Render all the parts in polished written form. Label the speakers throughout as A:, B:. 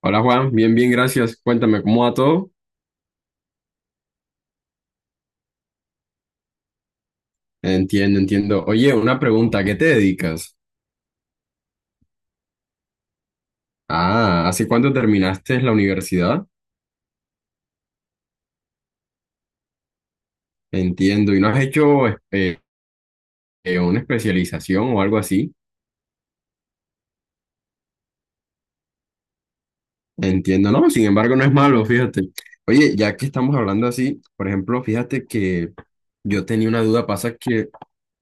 A: Hola Juan, bien, bien, gracias. Cuéntame, ¿cómo va todo? Entiendo, entiendo. Oye, una pregunta, ¿a qué te dedicas? Ah, ¿hace cuánto terminaste la universidad? Entiendo, ¿y no has hecho una especialización o algo así? Entiendo, no, sin embargo, no es malo, fíjate. Oye, ya que estamos hablando así, por ejemplo, fíjate que yo tenía una duda, pasa que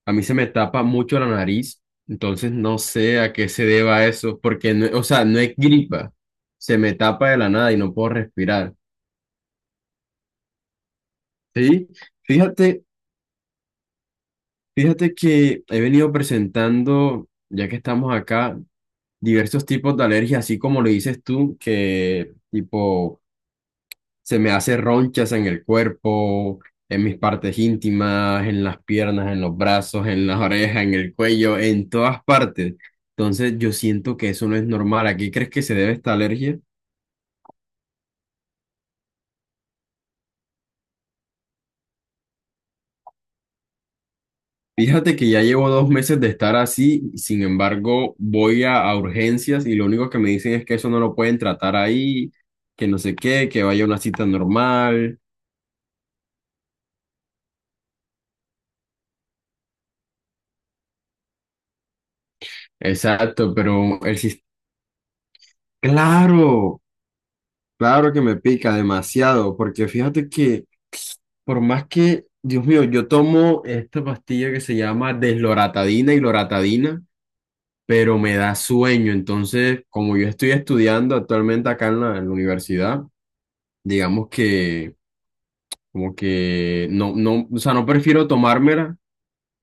A: a mí se me tapa mucho la nariz, entonces no sé a qué se deba eso, porque, o sea, no es gripa, se me tapa de la nada y no puedo respirar. Sí, fíjate, fíjate que he venido presentando, ya que estamos acá, diversos tipos de alergias, así como lo dices tú, que tipo se me hace ronchas en el cuerpo, en mis partes íntimas, en las piernas, en los brazos, en las orejas, en el cuello, en todas partes. Entonces yo siento que eso no es normal. ¿A qué crees que se debe esta alergia? Fíjate que ya llevo 2 meses de estar así, sin embargo, voy a urgencias y lo único que me dicen es que eso no lo pueden tratar ahí, que no sé qué, que vaya a una cita normal. Exacto, pero el sistema, claro, claro que me pica demasiado, porque fíjate que por más que, Dios mío, yo tomo esta pastilla que se llama desloratadina y loratadina, pero me da sueño, entonces, como yo estoy estudiando actualmente acá en la universidad, digamos que como que no, no, o sea, no prefiero tomármela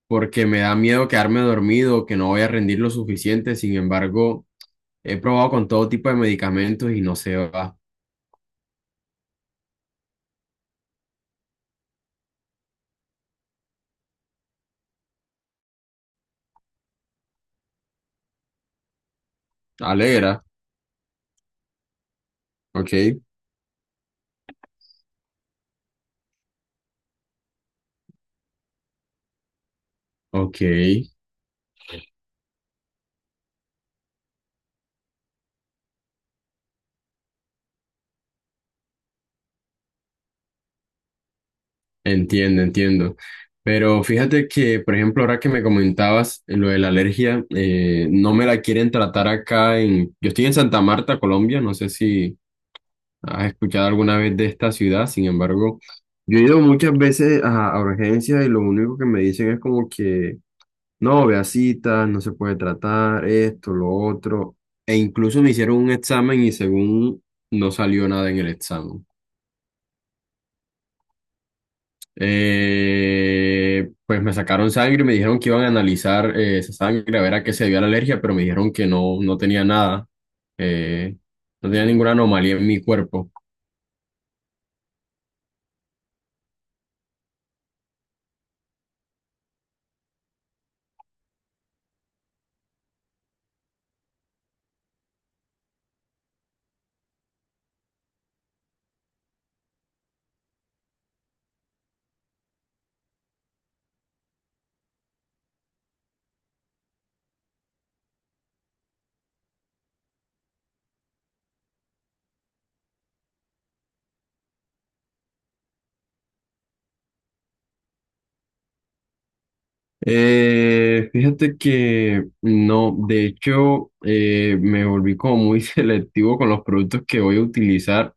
A: porque me da miedo quedarme dormido, que no voy a rendir lo suficiente. Sin embargo, he probado con todo tipo de medicamentos y no se va. Alegra, ok, ok, entiendo, entiendo. Pero fíjate que, por ejemplo, ahora que me comentabas lo de la alergia, no me la quieren tratar acá en... Yo estoy en Santa Marta, Colombia, no sé si... has escuchado alguna vez de esta ciudad, sin embargo, yo he ido muchas veces a urgencias y lo único que me dicen es como que no, vea citas, no se puede tratar, esto, lo otro, e incluso me hicieron un examen y según no salió nada en el examen. Pues me sacaron sangre y me dijeron que iban a analizar esa sangre a ver a qué se dio la alergia, pero me dijeron que no, no tenía nada, eh, no tenía ninguna anomalía en mi cuerpo. Fíjate que no, de hecho, me volví como muy selectivo con los productos que voy a utilizar.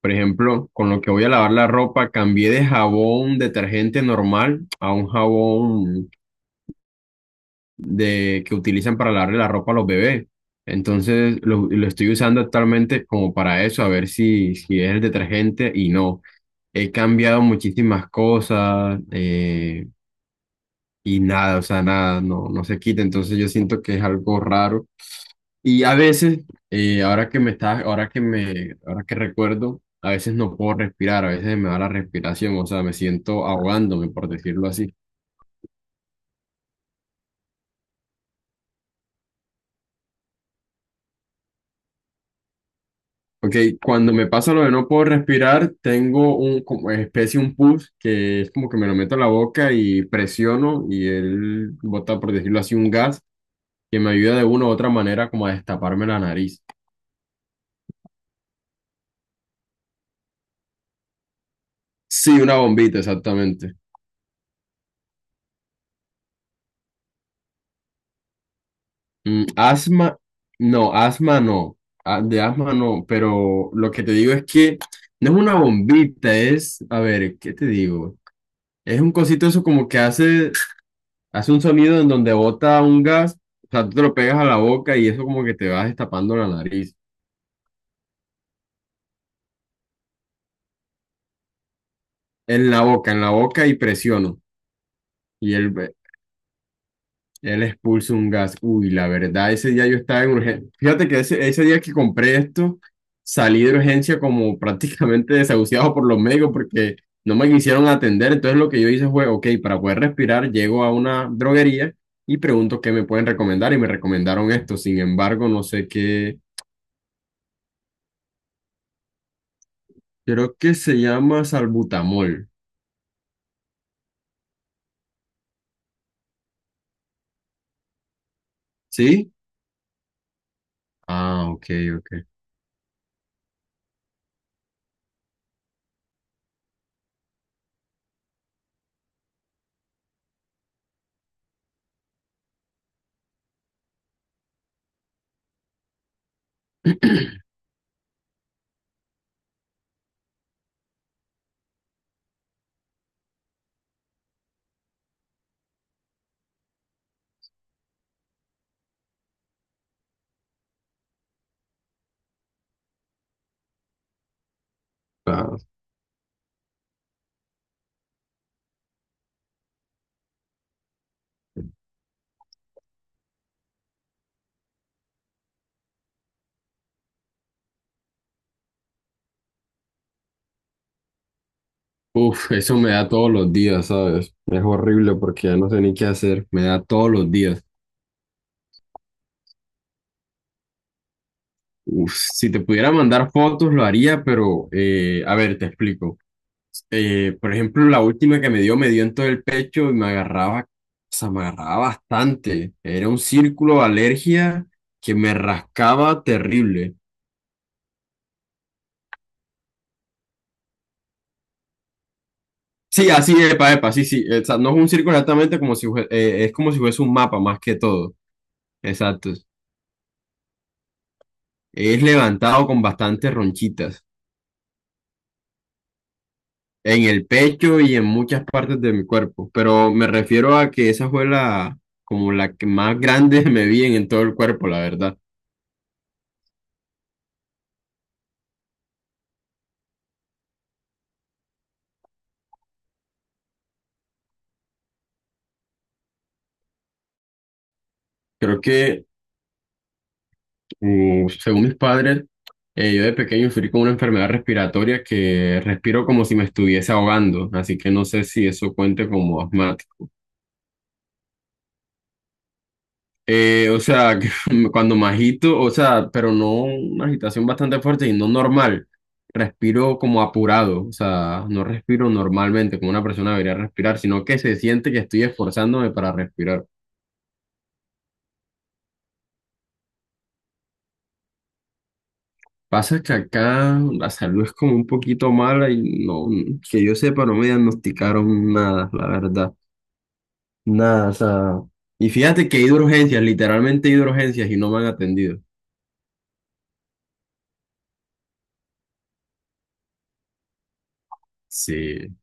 A: Por ejemplo, con lo que voy a lavar la ropa, cambié de jabón detergente normal a un jabón de que utilizan para lavarle la ropa a los bebés. Entonces, lo estoy usando actualmente como para eso, a ver si, si es el detergente y no. He cambiado muchísimas cosas. Y nada, o sea, nada, no, no se quita. Entonces yo siento que es algo raro. Y a veces, ahora que me estás, ahora que me, ahora que recuerdo, a veces no puedo respirar, a veces me da la respiración, o sea, me siento ahogándome, por decirlo así. Ok, cuando me pasa lo de no puedo respirar, tengo un, como especie, un pus, que es como que me lo meto a la boca y presiono y él bota, por decirlo así, un gas que me ayuda de una u otra manera como a destaparme la nariz. Sí, una bombita, exactamente. Mm, asma, no, asma no, de asma no, pero lo que te digo es que no es una bombita, es, a ver, ¿qué te digo? Es un cosito eso como que hace, hace un sonido en donde bota un gas, o sea, tú te lo pegas a la boca y eso como que te vas destapando la nariz, en la boca y presiono, y el él expulsa un gas. Uy, la verdad, ese día yo estaba en urgencia. Fíjate que ese día que compré esto, salí de urgencia como prácticamente desahuciado por los médicos porque no me quisieron atender. Entonces lo que yo hice fue, ok, para poder respirar, llego a una droguería y pregunto qué me pueden recomendar y me recomendaron esto. Sin embargo, no sé qué, creo que se llama salbutamol. ¿Sí? Ah, ok, ok. Ah, uf, eso me da todos los días, ¿sabes? Es horrible porque ya no sé ni qué hacer. Me da todos los días. Uf, si te pudiera mandar fotos, lo haría, pero a ver, te explico. Por ejemplo, la última que me dio en todo el pecho y me agarraba, o sea, me agarraba bastante. Era un círculo de alergia que me rascaba terrible. Sí, así, epa, epa, sí, sí. O sea, no es un círculo exactamente como si, es como si fuese un mapa más que todo. Exacto. Es levantado con bastantes ronchitas. En el pecho y en muchas partes de mi cuerpo, pero me refiero a que esa fue la, como la que más grande me vi en todo el cuerpo, la verdad. Creo que, según mis padres, yo de pequeño sufrí con una enfermedad respiratoria que respiro como si me estuviese ahogando, así que no sé si eso cuente como asma. O sea, que cuando me agito, o sea, pero no una agitación bastante fuerte y no normal. Respiro como apurado, o sea, no respiro normalmente como una persona debería respirar, sino que se siente que estoy esforzándome para respirar. Pasa que acá la salud es como un poquito mala y no, que yo sepa, no me diagnosticaron nada, la verdad. Nada, o sea. Y fíjate que he ido a urgencias, literalmente he ido a urgencias y no me han atendido. Sí,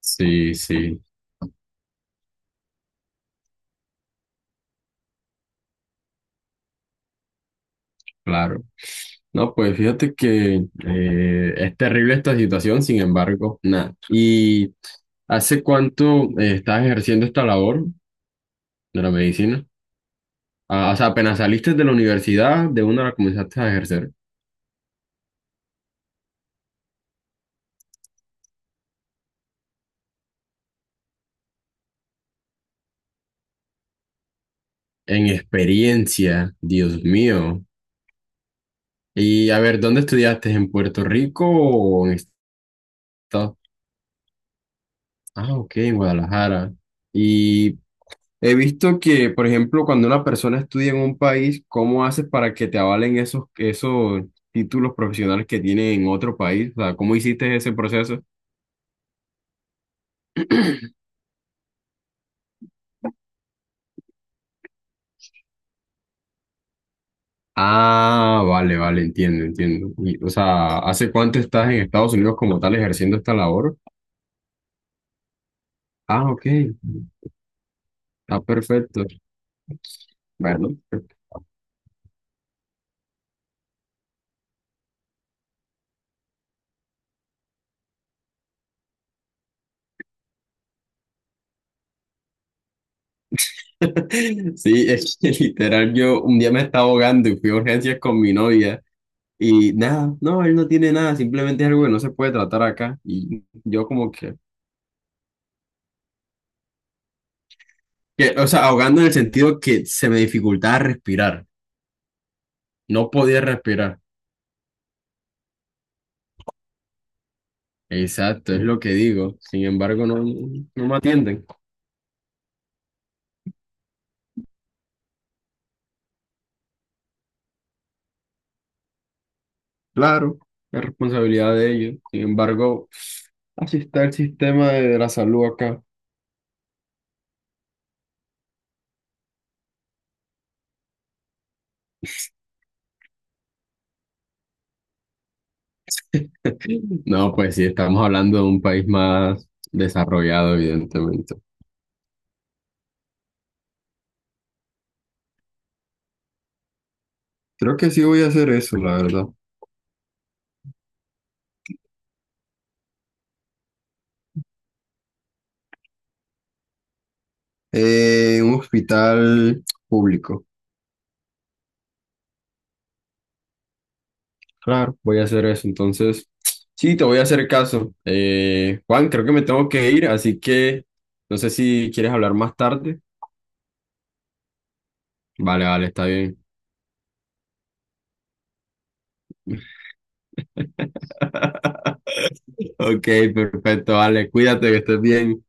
A: sí, sí, claro. No, pues fíjate que es terrible esta situación, sin embargo, nada. ¿Y hace cuánto estás ejerciendo esta labor de la medicina? Ah, o sea, apenas saliste de la universidad, de una la comenzaste a ejercer. En experiencia, Dios mío. Y a ver, ¿dónde estudiaste? ¿En Puerto Rico o en Estados? Ah, ok, en Guadalajara. ¿Y he visto que, por ejemplo, cuando una persona estudia en un país, ¿cómo haces para que te avalen esos, esos títulos profesionales que tiene en otro país? O sea, ¿cómo hiciste ese proceso? Ah, vale, vale, entiendo, entiendo. Y, o sea, ¿hace cuánto estás en Estados Unidos como tal ejerciendo esta labor? Ah, ok, está perfecto. Bueno, sí, es que literal yo un día me estaba ahogando y fui a urgencias con mi novia. Y nada, no, él no tiene nada, simplemente es algo que no se puede tratar acá. Y yo como que, o sea, ahogando en el sentido que se me dificultaba respirar. No podía respirar. Exacto, es lo que digo. Sin embargo, no, no me atienden. Claro, es responsabilidad de ellos. Sin embargo, así está el sistema de la salud acá. No, pues sí, estamos hablando de un país más desarrollado, evidentemente. Creo que sí voy a hacer eso, la verdad. Un hospital público. Claro, voy a hacer eso. Entonces, sí, te voy a hacer caso. Juan, creo que me tengo que ir, así que no sé si quieres hablar más tarde. Vale, vale, está bien. Ok, perfecto, vale. Cuídate, que estés bien.